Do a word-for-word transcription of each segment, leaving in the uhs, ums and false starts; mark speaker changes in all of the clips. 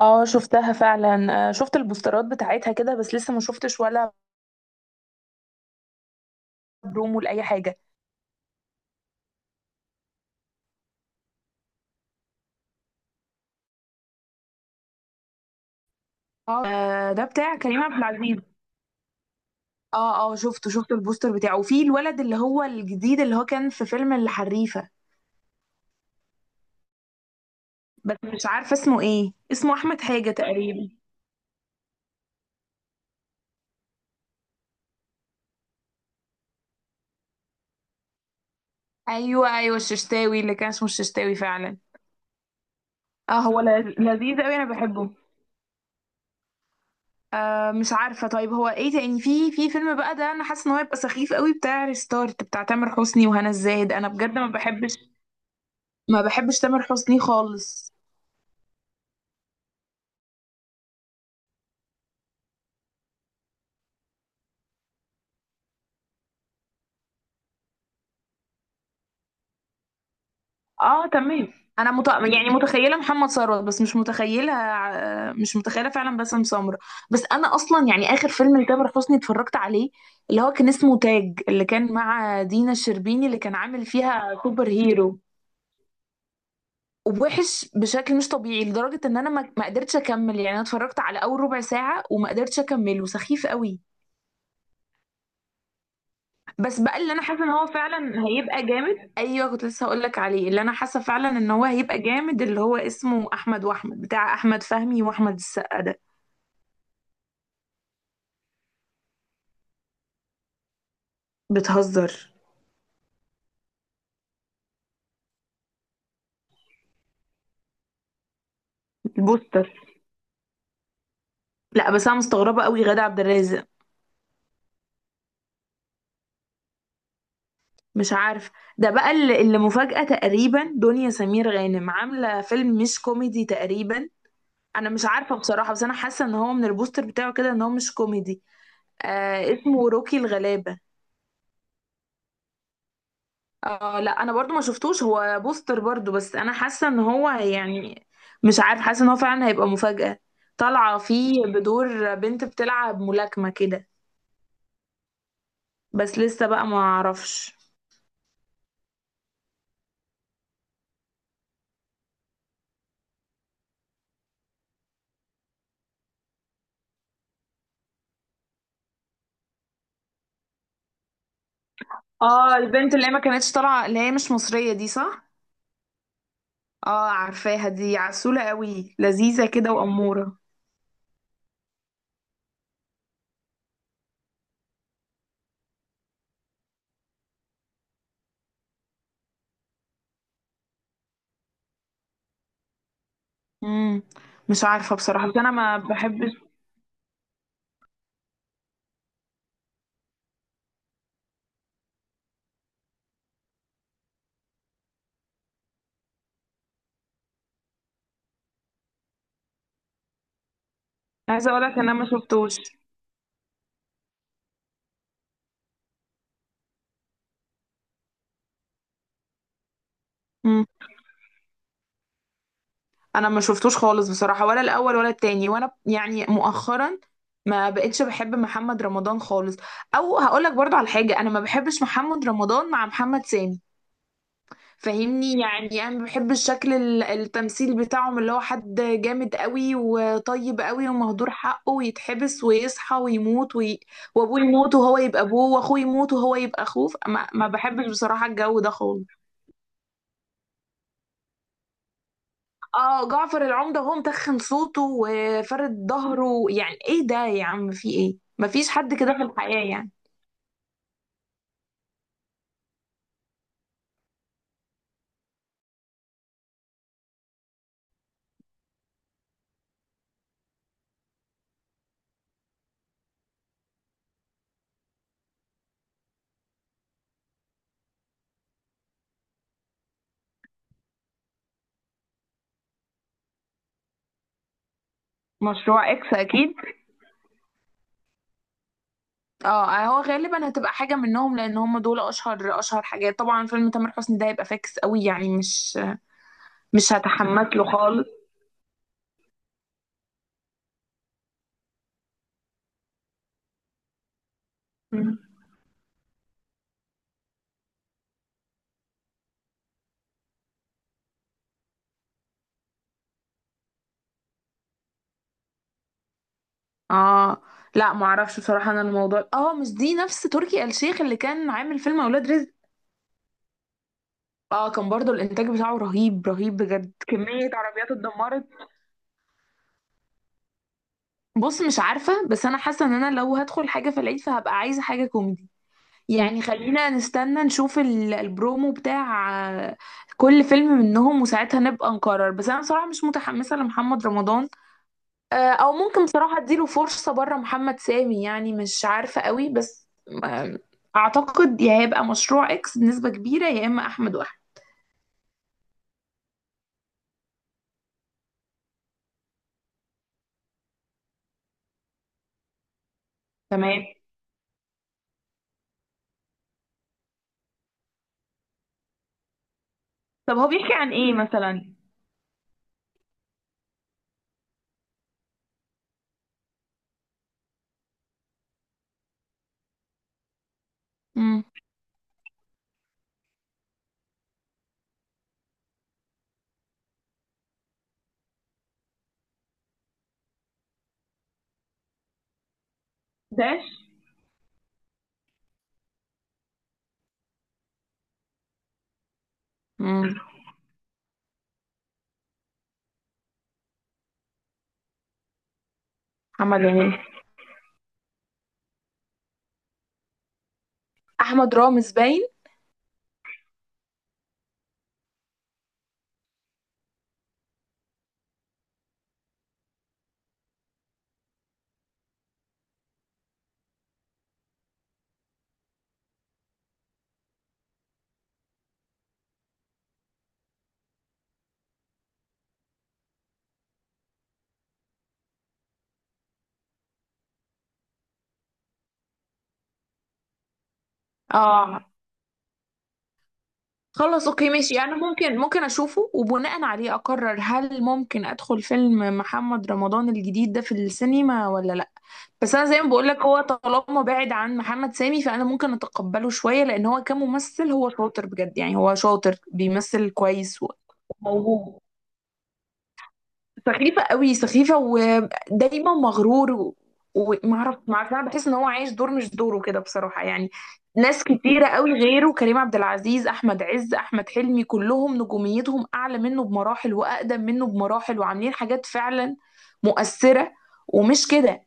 Speaker 1: اه، شفتها فعلا، آه، شفت البوسترات بتاعتها كده، بس لسه ما شفتش ولا برومو لاي حاجه. اه، آه، ده بتاع كريم عبد العزيز. اه، اه، شفته شفت البوستر بتاعه، وفي الولد اللي هو الجديد، اللي هو كان في فيلم الحريفه، بس مش عارفه اسمه ايه، اسمه احمد حاجه تقريبا. ايوه، ايوه، الششتاوي، اللي كان اسمه الششتاوي فعلا. اه، هو ل- لذيذ قوي، انا بحبه. آه مش عارفه، طيب هو ايه تاني، في في فيلم بقى ده، انا حاسه ان هو يبقى سخيف قوي، بتاع ريستارت، بتاع تامر حسني وهنا الزاهد، انا بجد ما بحبش. ما بحبش تامر حسني خالص. اه، تمام. انا مت... يعني متخيله محمد ثروت، بس مش متخيله ع- مش متخيله فعلا باسم سمرة. بس انا اصلا يعني اخر فيلم لتامر حسني اتفرجت عليه، اللي هو كان اسمه تاج، اللي كان مع دينا الشربيني، اللي كان عامل فيها سوبر هيرو، ووحش بشكل مش طبيعي، لدرجه ان انا ما ما قدرتش اكمل، يعني انا اتفرجت على اول ربع ساعه وما قدرتش اكمله، سخيف قوي. بس بقى اللي انا حاسه ان هو فعلا هيبقى جامد، ايوه كنت لسه هقول لك عليه، اللي انا حاسه فعلا ان هو هيبقى جامد، اللي هو اسمه احمد واحمد، بتاع احمد فهمي واحمد السقا ده. بتهزر؟ البوستر. لا، بس انا مستغربه قوي غادة عبد الرازق. مش عارف. ده بقى اللي اللي مفاجاه تقريبا، دنيا سمير غانم عامله فيلم مش كوميدي تقريبا. انا مش عارفه بصراحه، بس انا حاسه ان هو من البوستر بتاعه كده ان هو مش كوميدي. آه اسمه روكي الغلابه. اه، لا انا برضو ما شفتوش، هو بوستر برضو، بس انا حاسه ان هو يعني، مش عارف، حاسه ان هو فعلا هيبقى مفاجأة. طالعه فيه بدور بنت بتلعب ملاكمه كده، بس لسه بقى ما اعرفش. اه، البنت اللي هي ما كانتش طالعه، اللي هي مش مصريه، دي صح؟ اه، عارفاها، دي عسوله قوي، لذيذه كده واموره. امم. مش عارفه بصراحه، بس انا ما بحبش. عايزه اقول لك ان انا ما شفتوش. انا ما شفتوش خالص بصراحة، ولا الاول ولا التاني، وانا يعني مؤخرا ما بقتش بحب محمد رمضان خالص. او هقولك برضو على حاجة، انا ما بحبش محمد رمضان مع محمد سامي. فاهمني؟ يعني انا ما بحبش شكل ال- التمثيل بتاعهم، اللي هو حد جامد قوي وطيب قوي ومهدور حقه، ويتحبس ويصحى ويموت وي... وابوه يموت وهو يبقى ابوه، واخوه يموت وهو يبقى اخوه، ما... ما بحبش بصراحة الجو ده خالص. اه، جعفر العمدة، هو متخن صوته وفرد ظهره، يعني ايه ده يا عم، في ايه؟ مفيش حد كده في الحياة يعني. مشروع اكس اكيد. اه، هو غالبا هتبقى حاجة منهم، لان هم دول اشهر اشهر حاجات طبعا. فيلم تامر حسني ده هيبقى فاكس قوي يعني، مش مش هتحمس له خالص. مم. اه، لا معرفش بصراحة، انا الموضوع اه مش دي نفس تركي آل الشيخ اللي كان عامل فيلم اولاد رزق؟ اه، كان برضو الانتاج بتاعه رهيب رهيب بجد، كمية عربيات اتدمرت. بص، مش عارفة، بس أنا حاسة إن أنا لو هدخل حاجة في العيد فهبقى عايزة حاجة كوميدي. يعني خلينا نستنى نشوف ال- البرومو بتاع آه، كل فيلم منهم، وساعتها نبقى نقرر، بس أنا بصراحة مش متحمسة لمحمد رمضان. آه، أو ممكن بصراحة أديله فرصة بره محمد سامي، يعني مش عارفة قوي، بس آه، أعتقد يا هيبقى مشروع إكس بنسبة كبيرة، يا إما أحمد وأحمد. تمام. طب، هو بيحكي عن ايه مثلا؟ مم. ده. مم. محمد هنيدي. أحمد رامز باين. اه، خلص، اوكي، ماشي، يعني ممكن ممكن اشوفه وبناء عليه اقرر، هل ممكن ادخل فيلم محمد رمضان الجديد ده في السينما ولا لا؟ بس انا زي ما بقول لك، هو طالما بعد عن محمد سامي فانا ممكن اتقبله شوية، لان هو كممثل هو شاطر بجد، يعني هو شاطر بيمثل كويس، وموهوب. سخيفة قوي، سخيفة ودايما مغرور و- ومعرف معرف انا بحس ان هو عايش دور مش دوره كده بصراحة يعني. ناس كتيرة قوي غيره، كريم عبد العزيز، احمد عز، احمد حلمي، كلهم نجوميتهم اعلى منه بمراحل، واقدم منه بمراحل، وعاملين حاجات فعلا مؤثرة. ومش كده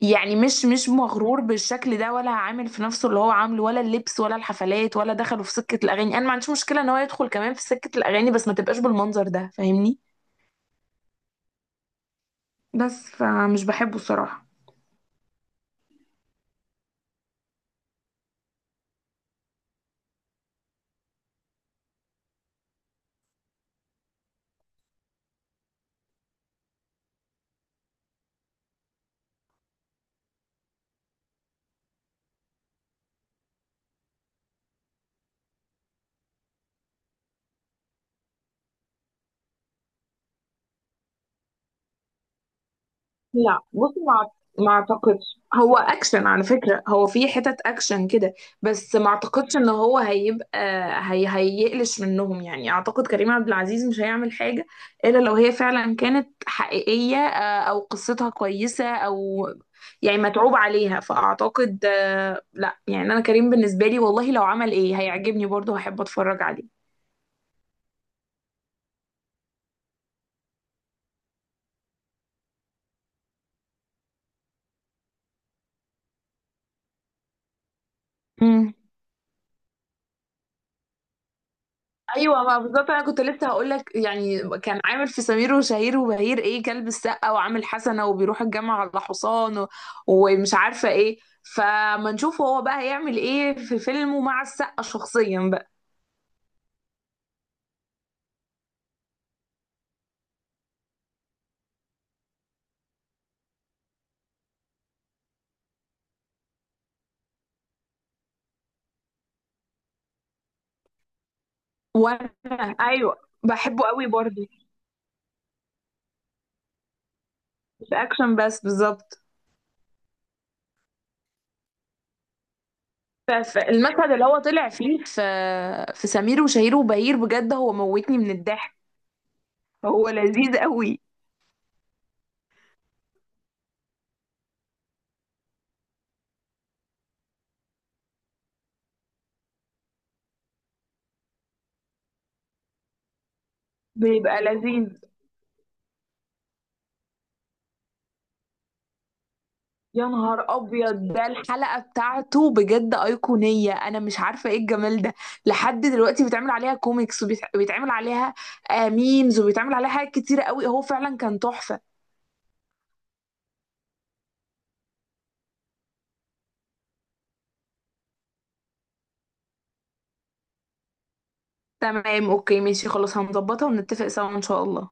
Speaker 1: يعني، مش مش مغرور بالشكل ده، ولا عامل في نفسه اللي هو عامله، ولا اللبس، ولا الحفلات، ولا دخله في سكة الاغاني، انا ما عنديش مشكلة ان هو يدخل كمان في سكة الاغاني، بس ما تبقاش بالمنظر ده، فاهمني؟ بس فمش بحبه الصراحة. لا بصي، ما، ما اعتقدش، هو اكشن على فكرة، هو في حتت اكشن كده. بس ما اعتقدش ان هو هيبقى هي هيقلش منهم يعني، اعتقد كريم عبد العزيز مش هيعمل حاجة الا لو هي فعلا كانت حقيقية، آه، او قصتها كويسة، او يعني متعوب عليها، فاعتقد آه، لا يعني، انا كريم بالنسبة لي والله لو عمل ايه هيعجبني برضه، هحب اتفرج عليه. ايوه، ما بالظبط، انا كنت لسه هقول لك، يعني كان عامل في سمير وشهير وبهير، ايه، كلب السقه، وعامل حسنه، وبيروح الجامعه على حصان و... ومش عارفه ايه. فما نشوف هو بقى هيعمل ايه في فيلمه مع السقه شخصيا بقى. وانا، ايوه، بحبه قوي برضه. مش اكشن بس بالظبط. فالمشهد اللي هو طلع فيه في في سمير وشهير وبهير، بجد هو موتني من الضحك. هو لذيذ قوي. بيبقى لذيذ. يا نهار ابيض، ده الحلقه بتاعته بجد ايقونيه، انا مش عارفه ايه الجمال ده. لحد دلوقتي بيتعمل عليها كوميكس، وبيتعمل عليها آه، ميمز، وبيتعمل عليها حاجات كتيره قوي، هو فعلا كان تحفه. تمام، اوكي، ماشي، خلاص، هنظبطها ونتفق سوا، ان شاء الله.